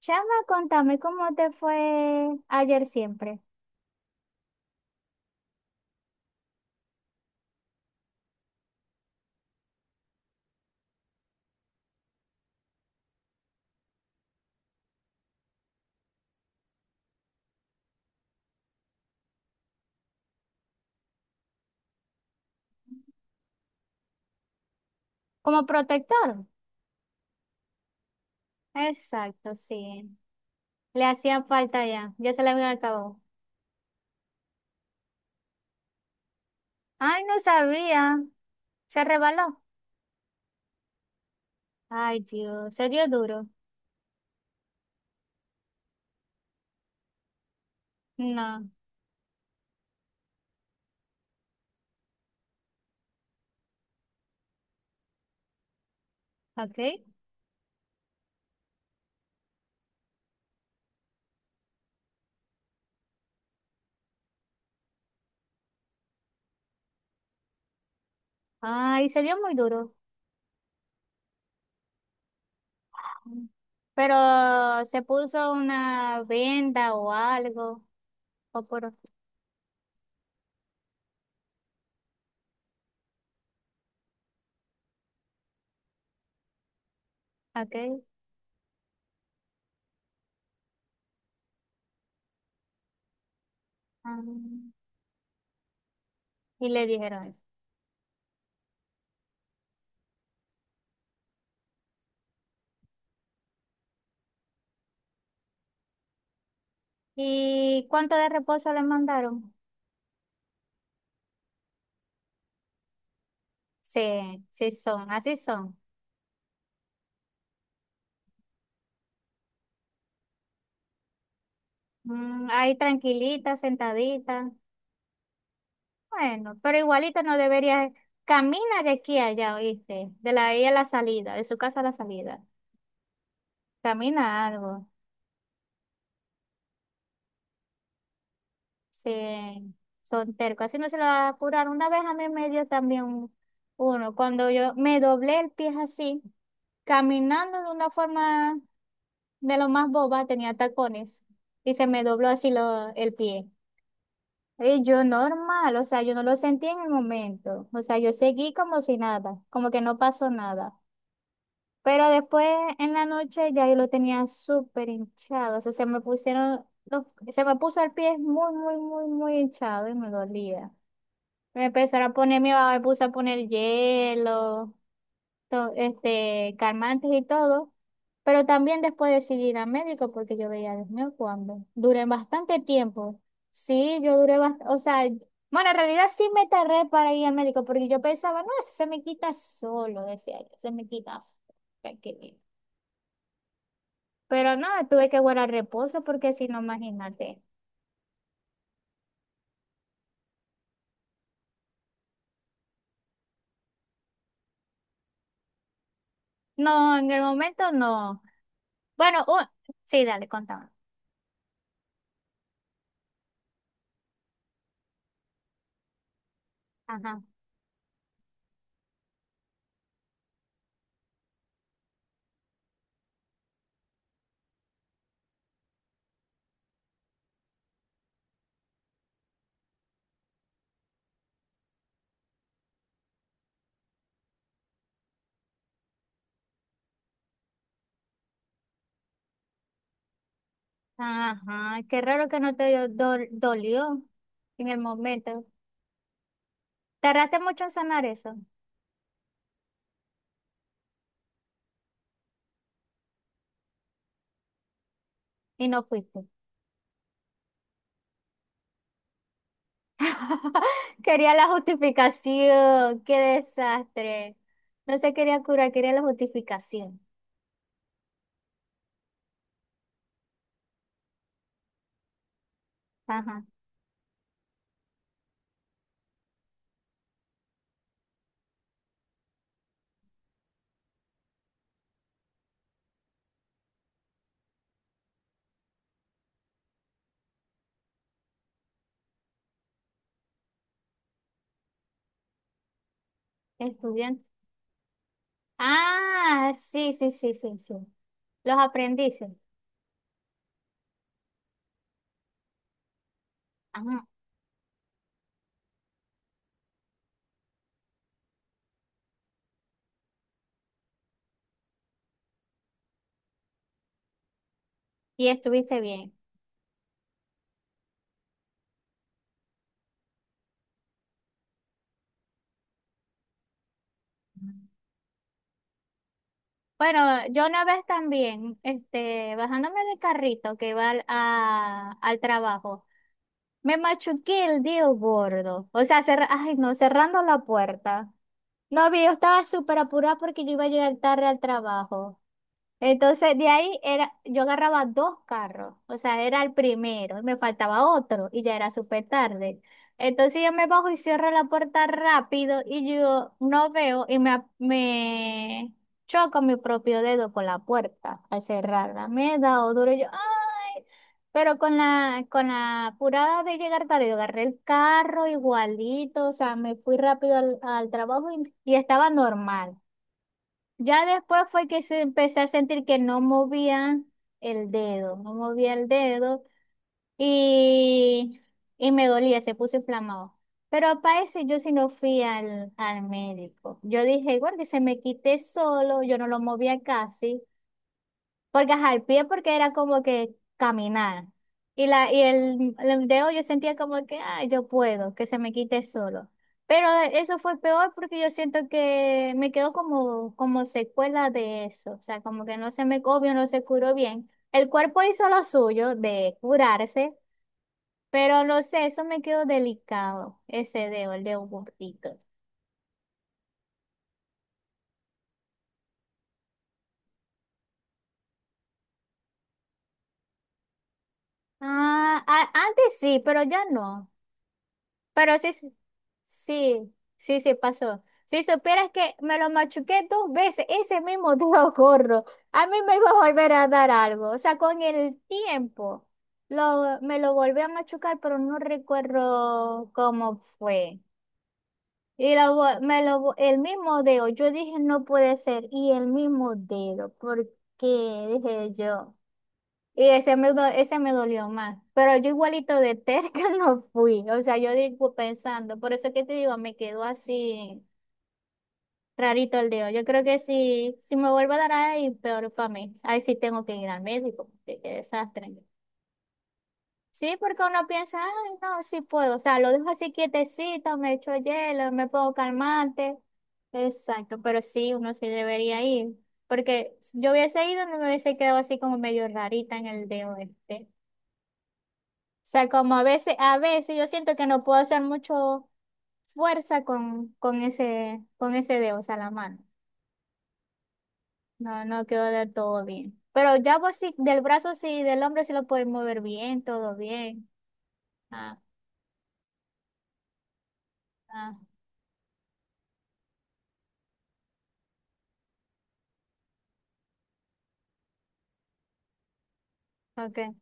Chama, contame cómo te fue ayer siempre. Como protector. Exacto, sí. Le hacían falta ya. Ya se le había acabado. Ay, no sabía. Se rebaló. Ay, Dios. Se dio duro. No. Ok. Ay, se dio muy duro. Pero se puso una venda o algo. O por... Ok. Ah, y le dijeron eso. ¿Y cuánto de reposo le mandaron? Sí, sí son. Así son. Mm, ahí tranquilita, sentadita. Bueno, pero igualito no debería. Camina de aquí a allá, ¿oíste? De la ahí a la salida, de su casa a la salida. Camina algo. Sí, son tercos. Así no se lo va a apurar. Una vez a mí me dio también uno. Cuando yo me doblé el pie así, caminando de una forma de lo más boba, tenía tacones. Y se me dobló así lo, el pie. Y yo normal, o sea, yo no lo sentí en el momento, o sea, yo seguí como si nada, como que no pasó nada. Pero después en la noche ya yo lo tenía súper hinchado, o sea, se me pusieron, se me puso el pie muy, muy, muy, muy hinchado y me dolía. Me empezaron a poner, mi mamá me puso a poner hielo, este, calmantes y todo, pero también después decidí ir al médico porque yo veía, Dios mío, cuando duré bastante tiempo. Sí, yo duré bastante, o sea, bueno, en realidad sí me tardé para ir al médico porque yo pensaba, no, eso se me quita solo, decía yo, se me quita solo. Tranquilito. Pero no, tuve que guardar reposo porque si no, imagínate. No, en el momento no. Bueno, sí, dale, contame. Ajá, ajá, qué raro que no te dolió en el momento. Tardaste mucho en sanar eso y no fuiste. Quería la justificación, qué desastre. No se quería curar, quería la justificación. Ajá, estudiante. Ah, sí, sí, sí, sí, sí. Los aprendices. Ajá, y estuviste bien. Bueno, yo una vez también, este, bajándome del carrito que iba al trabajo. Me machuqué el dedo gordo. O sea, ay, no, cerrando la puerta. No, vi, yo estaba súper apurada porque yo iba a llegar tarde al trabajo. Entonces de ahí era, yo agarraba dos carros, o sea, era el primero, y me faltaba otro y ya era súper tarde. Entonces yo me bajo y cierro la puerta rápido y yo no veo y me, me choco mi propio dedo con la puerta al cerrarla. Me he dado duro y yo, ¡ay! Pero con la apurada de llegar tarde, yo agarré el carro igualito, o sea, me fui rápido al, al trabajo y estaba normal. Ya después fue que se empecé a sentir que no movía el dedo, no movía el dedo y, y me dolía, se puso inflamado. Pero para eso yo sí no fui al, al médico. Yo dije, igual que se me quite solo, yo no lo movía casi. Porque ajá, el pie porque era como que caminar. Y, la, y el dedo yo sentía como que, ay, yo puedo, que se me quite solo. Pero eso fue peor porque yo siento que me quedó como, como secuela de eso. O sea, como que no se me, obvio, no se curó bien. El cuerpo hizo lo suyo de curarse, pero no sé, eso me quedó delicado, ese dedo, el dedo gordito. Ah, antes sí, pero ya no. Pero sí, sí, sí, sí pasó. Si supieras que me lo machuqué dos veces, ese mismo dedo gordo, a mí me iba a volver a dar algo. O sea, con el tiempo lo, me lo volví a machucar, pero no recuerdo cómo fue. Y lo, me lo, el mismo dedo, yo dije, no puede ser, y el mismo dedo, porque dije yo. Y ese me, ese me dolió más. Pero yo igualito de terca no fui. O sea, yo digo pensando, por eso que te digo, me quedó así rarito el dedo. Yo creo que si, si me vuelvo a dar ahí, peor para mí. Ahí sí tengo que ir al médico. Qué, qué desastre. Sí, porque uno piensa, ay, no, sí puedo. O sea, lo dejo así quietecito, me echo hielo, me pongo calmante. Exacto, pero sí, uno sí debería ir. Porque si yo hubiese ido, no me hubiese quedado así como medio rarita en el dedo este. O sea, como a veces yo siento que no puedo hacer mucho fuerza con ese dedo, o sea, la mano. No, no quedó del todo bien. Pero ya por si del brazo sí, del hombro sí lo puedes mover bien, todo bien. Ah, ah, ok.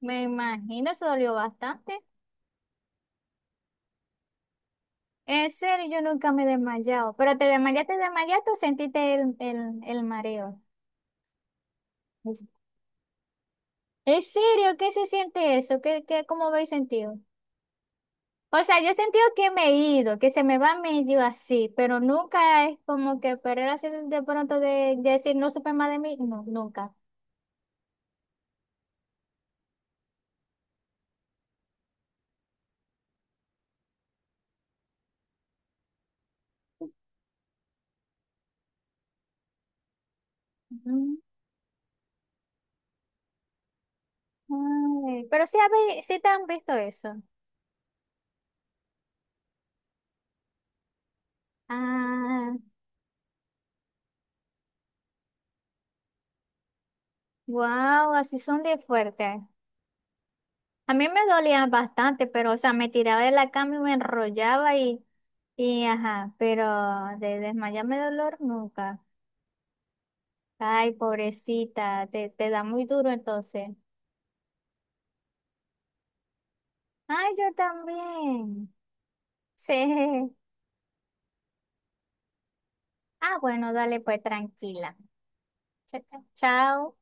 Me imagino, eso dolió bastante. En serio, yo nunca me he desmayado. Pero te desmayaste, desmayaste o sentiste el mareo. En serio, ¿qué se siente eso? ¿Qué, qué, cómo habéis sentido? O sea, yo he sentido que me he ido, que se me va medio así, pero nunca es como que perder así de pronto de decir no supe más de mí. No, nunca. Mm, ay, pero sí, sí te han visto eso. Ah, wow, así son de fuerte. A mí me dolía bastante, pero o sea, me tiraba de la cama y me enrollaba y ajá, pero de desmayarme de dolor nunca. Ay, pobrecita, te da muy duro entonces. Ay, yo también. Sí. Ah, bueno, dale pues tranquila. Chao. Chao.